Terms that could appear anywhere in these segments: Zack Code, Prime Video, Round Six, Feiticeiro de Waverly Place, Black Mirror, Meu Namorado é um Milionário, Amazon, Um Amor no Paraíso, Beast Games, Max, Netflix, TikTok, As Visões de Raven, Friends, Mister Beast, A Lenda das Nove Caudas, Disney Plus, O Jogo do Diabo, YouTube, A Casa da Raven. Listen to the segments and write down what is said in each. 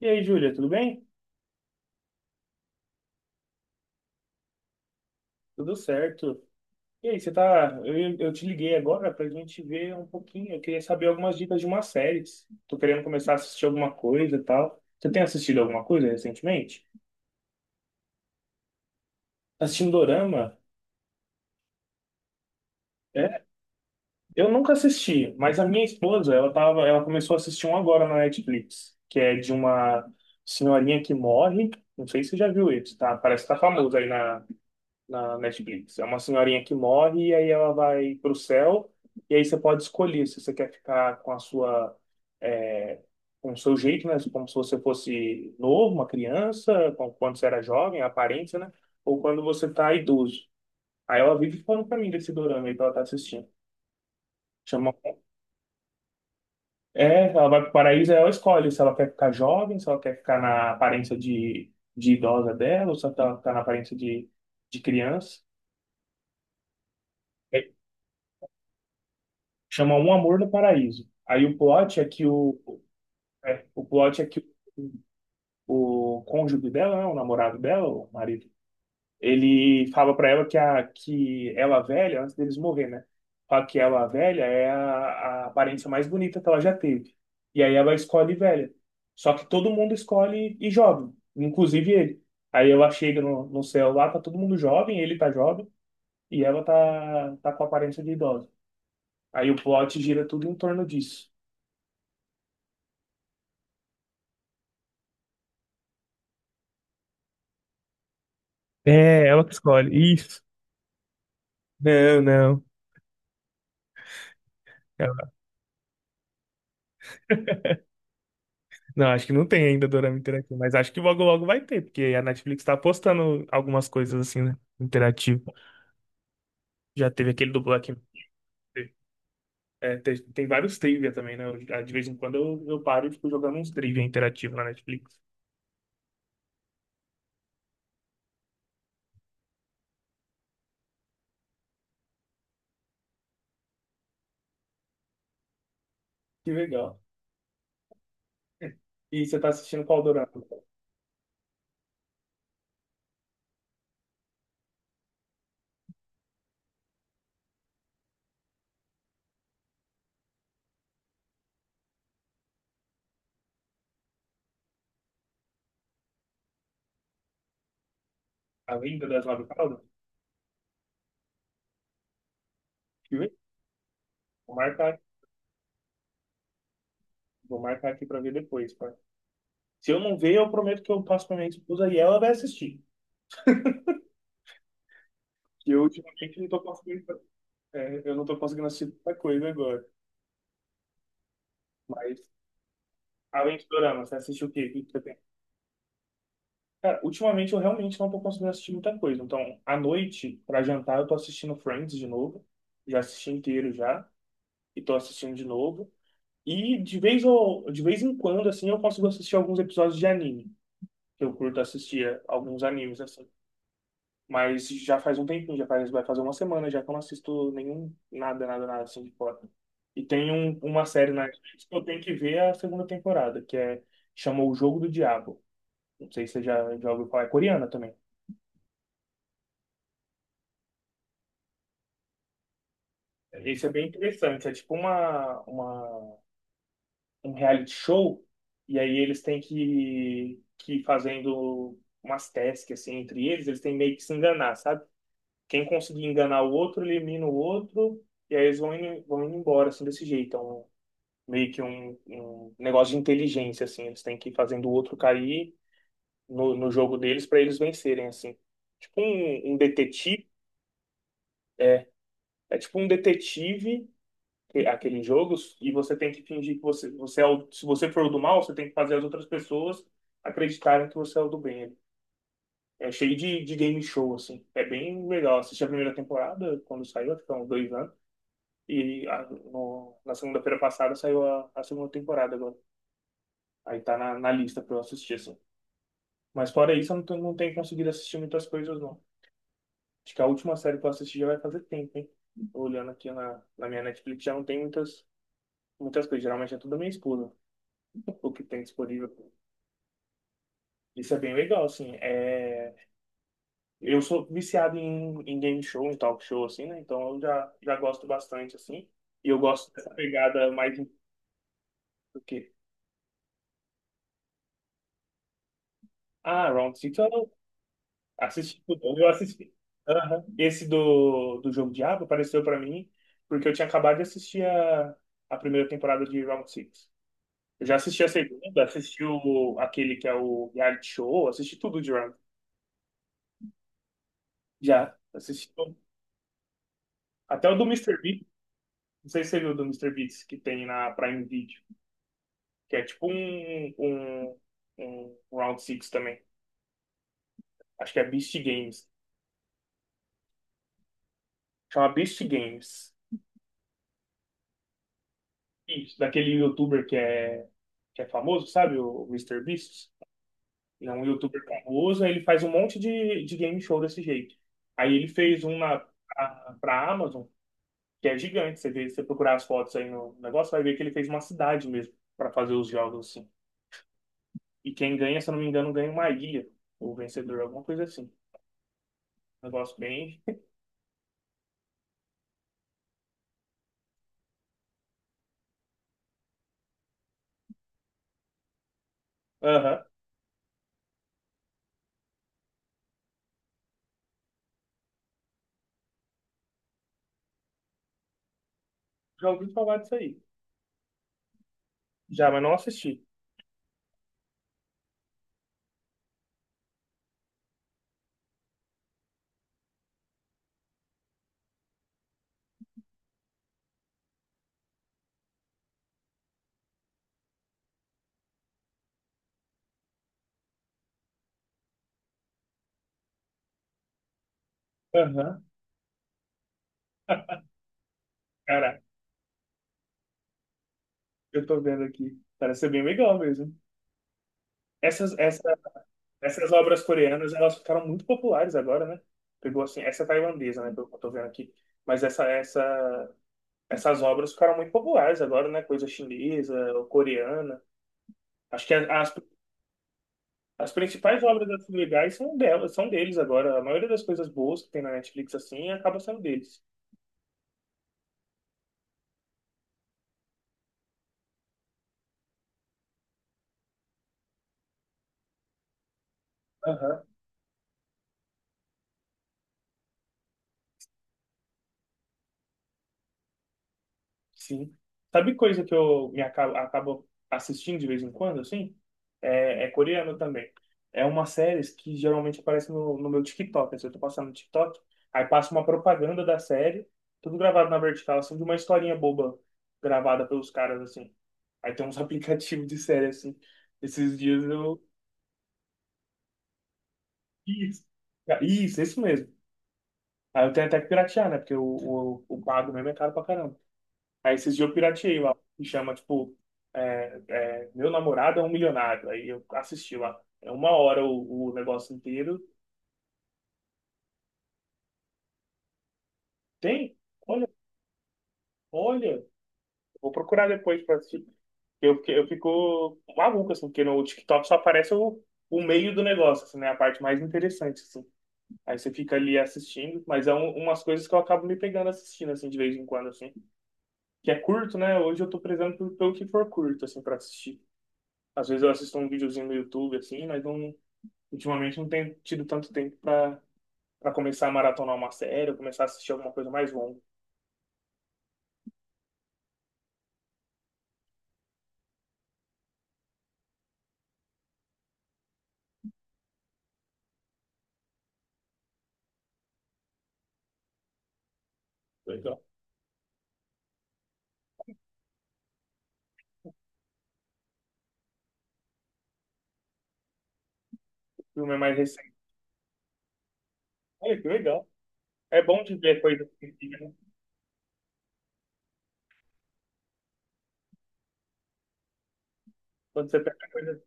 E aí, Júlia, tudo bem? Tudo certo. E aí, você tá. Eu te liguei agora pra gente ver um pouquinho. Eu queria saber algumas dicas de uma série. Tô querendo começar a assistir alguma coisa e tal. Você tem assistido alguma coisa recentemente? Tá assistindo Dorama? É? Eu nunca assisti, mas a minha esposa, ela começou a assistir um agora na Netflix, que é de uma senhorinha que morre. Não sei se você já viu isso, tá? Parece que tá famoso aí na Netflix. É uma senhorinha que morre e aí ela vai para o céu e aí você pode escolher se você quer ficar com a sua é, com o seu jeito, né? Como se você fosse novo, uma criança, quando você era jovem, a aparência, né? Ou quando você tá idoso. Aí ela vive falando pra mim desse dorama aí que ela tá assistindo. Chama... É, ela vai pro paraíso, aí ela escolhe se ela quer ficar jovem, se ela quer ficar na aparência de idosa dela, ou se ela quer ficar na aparência de criança. Chama Um Amor no Paraíso. Aí o plot é que o cônjuge dela, né, o namorado dela, o marido, ele fala pra ela que ela velha, antes deles morrer, né? Fala que ela velha é a aparência mais bonita que ela já teve. E aí ela escolhe velha. Só que todo mundo escolhe e jovem, inclusive ele. Aí ela chega no céu lá, tá todo mundo jovem, ele tá jovem, e ela tá com a aparência de idosa. Aí o plot gira tudo em torno disso. É, ela que escolhe. Isso. Não, não. Ela- Não, acho que não tem ainda dorama interativo, mas acho que logo logo vai ter, porque a Netflix tá apostando algumas coisas assim, né? Interativo. Já teve aquele do Black Mirror. É, tem vários trivia também, né? De vez em quando eu paro e fico jogando uns trivia interativo na Netflix. Que legal. E você tá assistindo qual dorama? A Lenda das Nove Caudas? Que legal. Vou marcar, vou marcar aqui pra ver depois, pá. Se eu não ver, eu prometo que eu passo pra minha esposa e ela vai assistir. E eu ultimamente não tô conseguindo. É, eu não tô conseguindo assistir muita coisa agora. Mas, além de dorama, você assiste o quê? O que que você tem? Cara, ultimamente eu realmente não tô conseguindo assistir muita coisa. Então, à noite, pra jantar, eu tô assistindo Friends de novo. Já assisti inteiro já. E tô assistindo de novo. E de vez em quando, assim, eu consigo assistir alguns episódios de anime. Eu curto assistir alguns animes, assim. Mas já faz um tempinho, vai fazer uma semana já que eu não assisto nenhum, nada, nada, nada assim de fora. E tem uma série na Netflix que eu tenho que ver a segunda temporada, chamou O Jogo do Diabo. Não sei se você já ouviu falar, é coreana também. Esse é bem interessante, é tipo um reality show, e aí eles têm que ir fazendo umas tasks assim, entre eles, eles têm meio que se enganar, sabe? Quem conseguir enganar o outro, elimina o outro, e aí eles vão indo embora, assim, desse jeito. É um meio que um negócio de inteligência, assim. Eles têm que ir fazendo o outro cair no jogo deles para eles vencerem, assim. Tipo um detetive, é, é tipo um detetive aquele jogo e você tem que fingir que você se você for o do mal, você tem que fazer as outras pessoas acreditarem que você é o do bem. É cheio de game show, assim. É bem legal. Assisti a primeira temporada, quando saiu, acho que há uns 2 anos. E na segunda-feira passada saiu a segunda temporada agora. Aí tá na lista pra eu assistir, assim. Mas fora isso, eu não tenho conseguido assistir muitas coisas, não. Acho que a última série que eu assisti já vai fazer tempo, hein? Tô olhando aqui na minha Netflix, já não tem muitas, muitas coisas. Geralmente é tudo da minha esposa, o que tem disponível. Isso é bem legal, assim. Eu sou viciado em game show, em talk show, assim, né? Então eu já gosto bastante, assim. E eu gosto dessa pegada mais do que... Ah, Round Six, assisti tudo, eu assisti. Aham. Esse do Jogo Diabo apareceu pra mim porque eu tinha acabado de assistir a primeira temporada de Round Six. Eu já assisti a segunda, assisti aquele que é o reality show, assisti tudo de Round. Já, assisti tudo. Até o do Mister Beast, não sei se você viu o do Mister Beast que tem na Prime Video, que é tipo um Round Six também. Acho que é Beast Games. Chama Beast Games. Isso, daquele youtuber que é famoso, sabe? O Mister Beast. Ele é um youtuber famoso, aí ele faz um monte de game show desse jeito. Aí ele fez um pra Amazon, que é gigante. Você vê, você procurar as fotos aí no negócio, vai ver que ele fez uma cidade mesmo pra fazer os jogos assim. E quem ganha, se eu não me engano, ganha uma ilha. O vencedor, alguma coisa assim. Um negócio bem. Aham. Já ouvi falar disso aí. Já, mas não assisti. Aham. Cara, eu tô vendo aqui. Parece ser bem legal mesmo. Essas, essa Essas obras coreanas, elas ficaram muito populares agora, né? Pegou assim, essa é tailandesa, né, pelo que eu tô vendo aqui. Mas essas obras ficaram muito populares agora, né? Coisa chinesa, ou coreana. Acho que as principais obras das legais são delas, são deles agora. A maioria das coisas boas que tem na Netflix, assim, acaba sendo deles. Sim. Sabe coisa que eu me acabo, acabo assistindo de vez em quando, assim? É coreano também. É uma série que geralmente aparece no meu TikTok. Assim, eu tô passando no TikTok, aí passa uma propaganda da série, tudo gravado na vertical, assim, de uma historinha boba gravada pelos caras, assim. Aí tem uns aplicativos de série, assim. Esses dias eu... Isso, Ah, isso mesmo. Aí eu tenho até que piratear, né? Porque o pago mesmo é caro pra caramba. Aí esses dias eu pirateei lá, que chama, tipo, Meu Namorado é um Milionário. Aí eu assisti lá. É uma hora o negócio inteiro. Tem? Olha, olha. Vou procurar depois pra assistir. Eu fico maluco, assim, porque no TikTok só aparece o meio do negócio, assim, né? A parte mais interessante, assim. Aí você fica ali assistindo, mas é umas coisas que eu acabo me pegando assistindo, assim, de vez em quando, assim. Que é curto, né? Hoje eu tô prezando pelo que for curto, assim, pra assistir. Às vezes eu assisto um videozinho no YouTube, assim, mas não. Ultimamente não tenho tido tanto tempo para começar a maratonar uma série, ou começar a assistir alguma coisa mais longa. Legal. O filme é mais recente. Olha que legal. É bom de ver coisa antiga, né? Quando você pega coisa.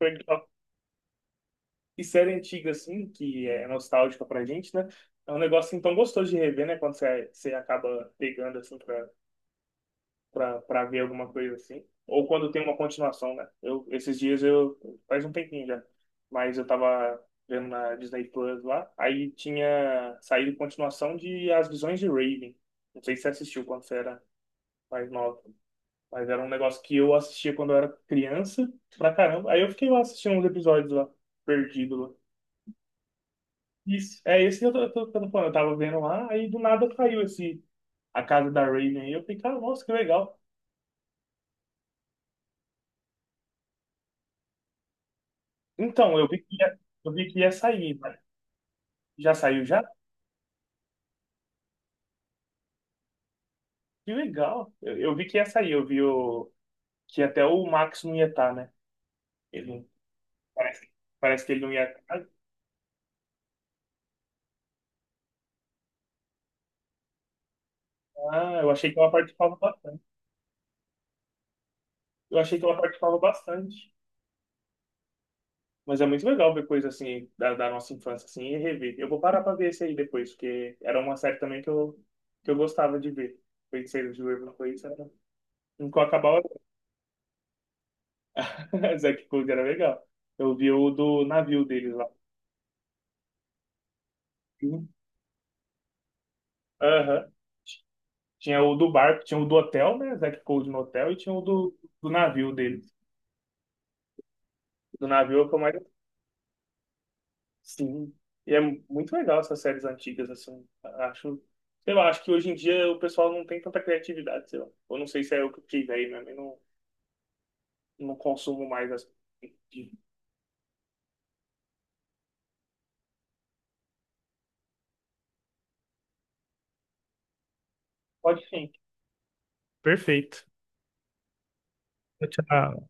Legal. E série antiga, assim, que é nostálgica pra gente, né? É um negócio assim, tão gostoso de rever, né? Quando você acaba pegando, assim, pra ver alguma coisa assim. Ou quando tem uma continuação, né? Eu, esses dias eu. Faz um tempinho já. Mas eu tava vendo na Disney Plus lá. Aí tinha saído continuação de As Visões de Raven. Não sei se você assistiu quando você era mais nova. Mas era um negócio que eu assistia quando eu era criança pra caramba. Aí eu fiquei lá assistindo uns episódios lá, perdido lá. Isso. É esse que eu tô falando. Eu tava vendo lá, aí do nada caiu esse. A casa da Raven aí. Eu fiquei, cara, nossa, que legal. Então, eu vi que ia sair, né? Já saiu já? Que legal. Eu vi que ia sair. Eu vi que até o Max não ia estar, né? Ele não- parece, parece que ele não ia estar. Ah, eu achei que ela participava bastante. Eu achei que ela participava bastante. Mas é muito legal ver coisa assim da nossa infância assim e rever. Eu vou parar pra ver esse aí depois, porque era uma série também que eu gostava de ver. Feiticeiro de Waverly Place era... Nunca acabava. Zack Code era legal. Eu vi o do navio deles lá. Uhum. Aham. Tinha o do barco, tinha o do hotel, né? Zack Cold no hotel, e tinha o do navio dele. Do navio é o que eu mais. Sim. E é muito legal essas séries antigas, assim. Acho. Sei lá, acho que hoje em dia o pessoal não tem tanta criatividade, sei lá. Eu não sei se é eu que fiquei aí mesmo. Eu não consumo mais as. Pode sim. Perfeito. Tchau. Tchau.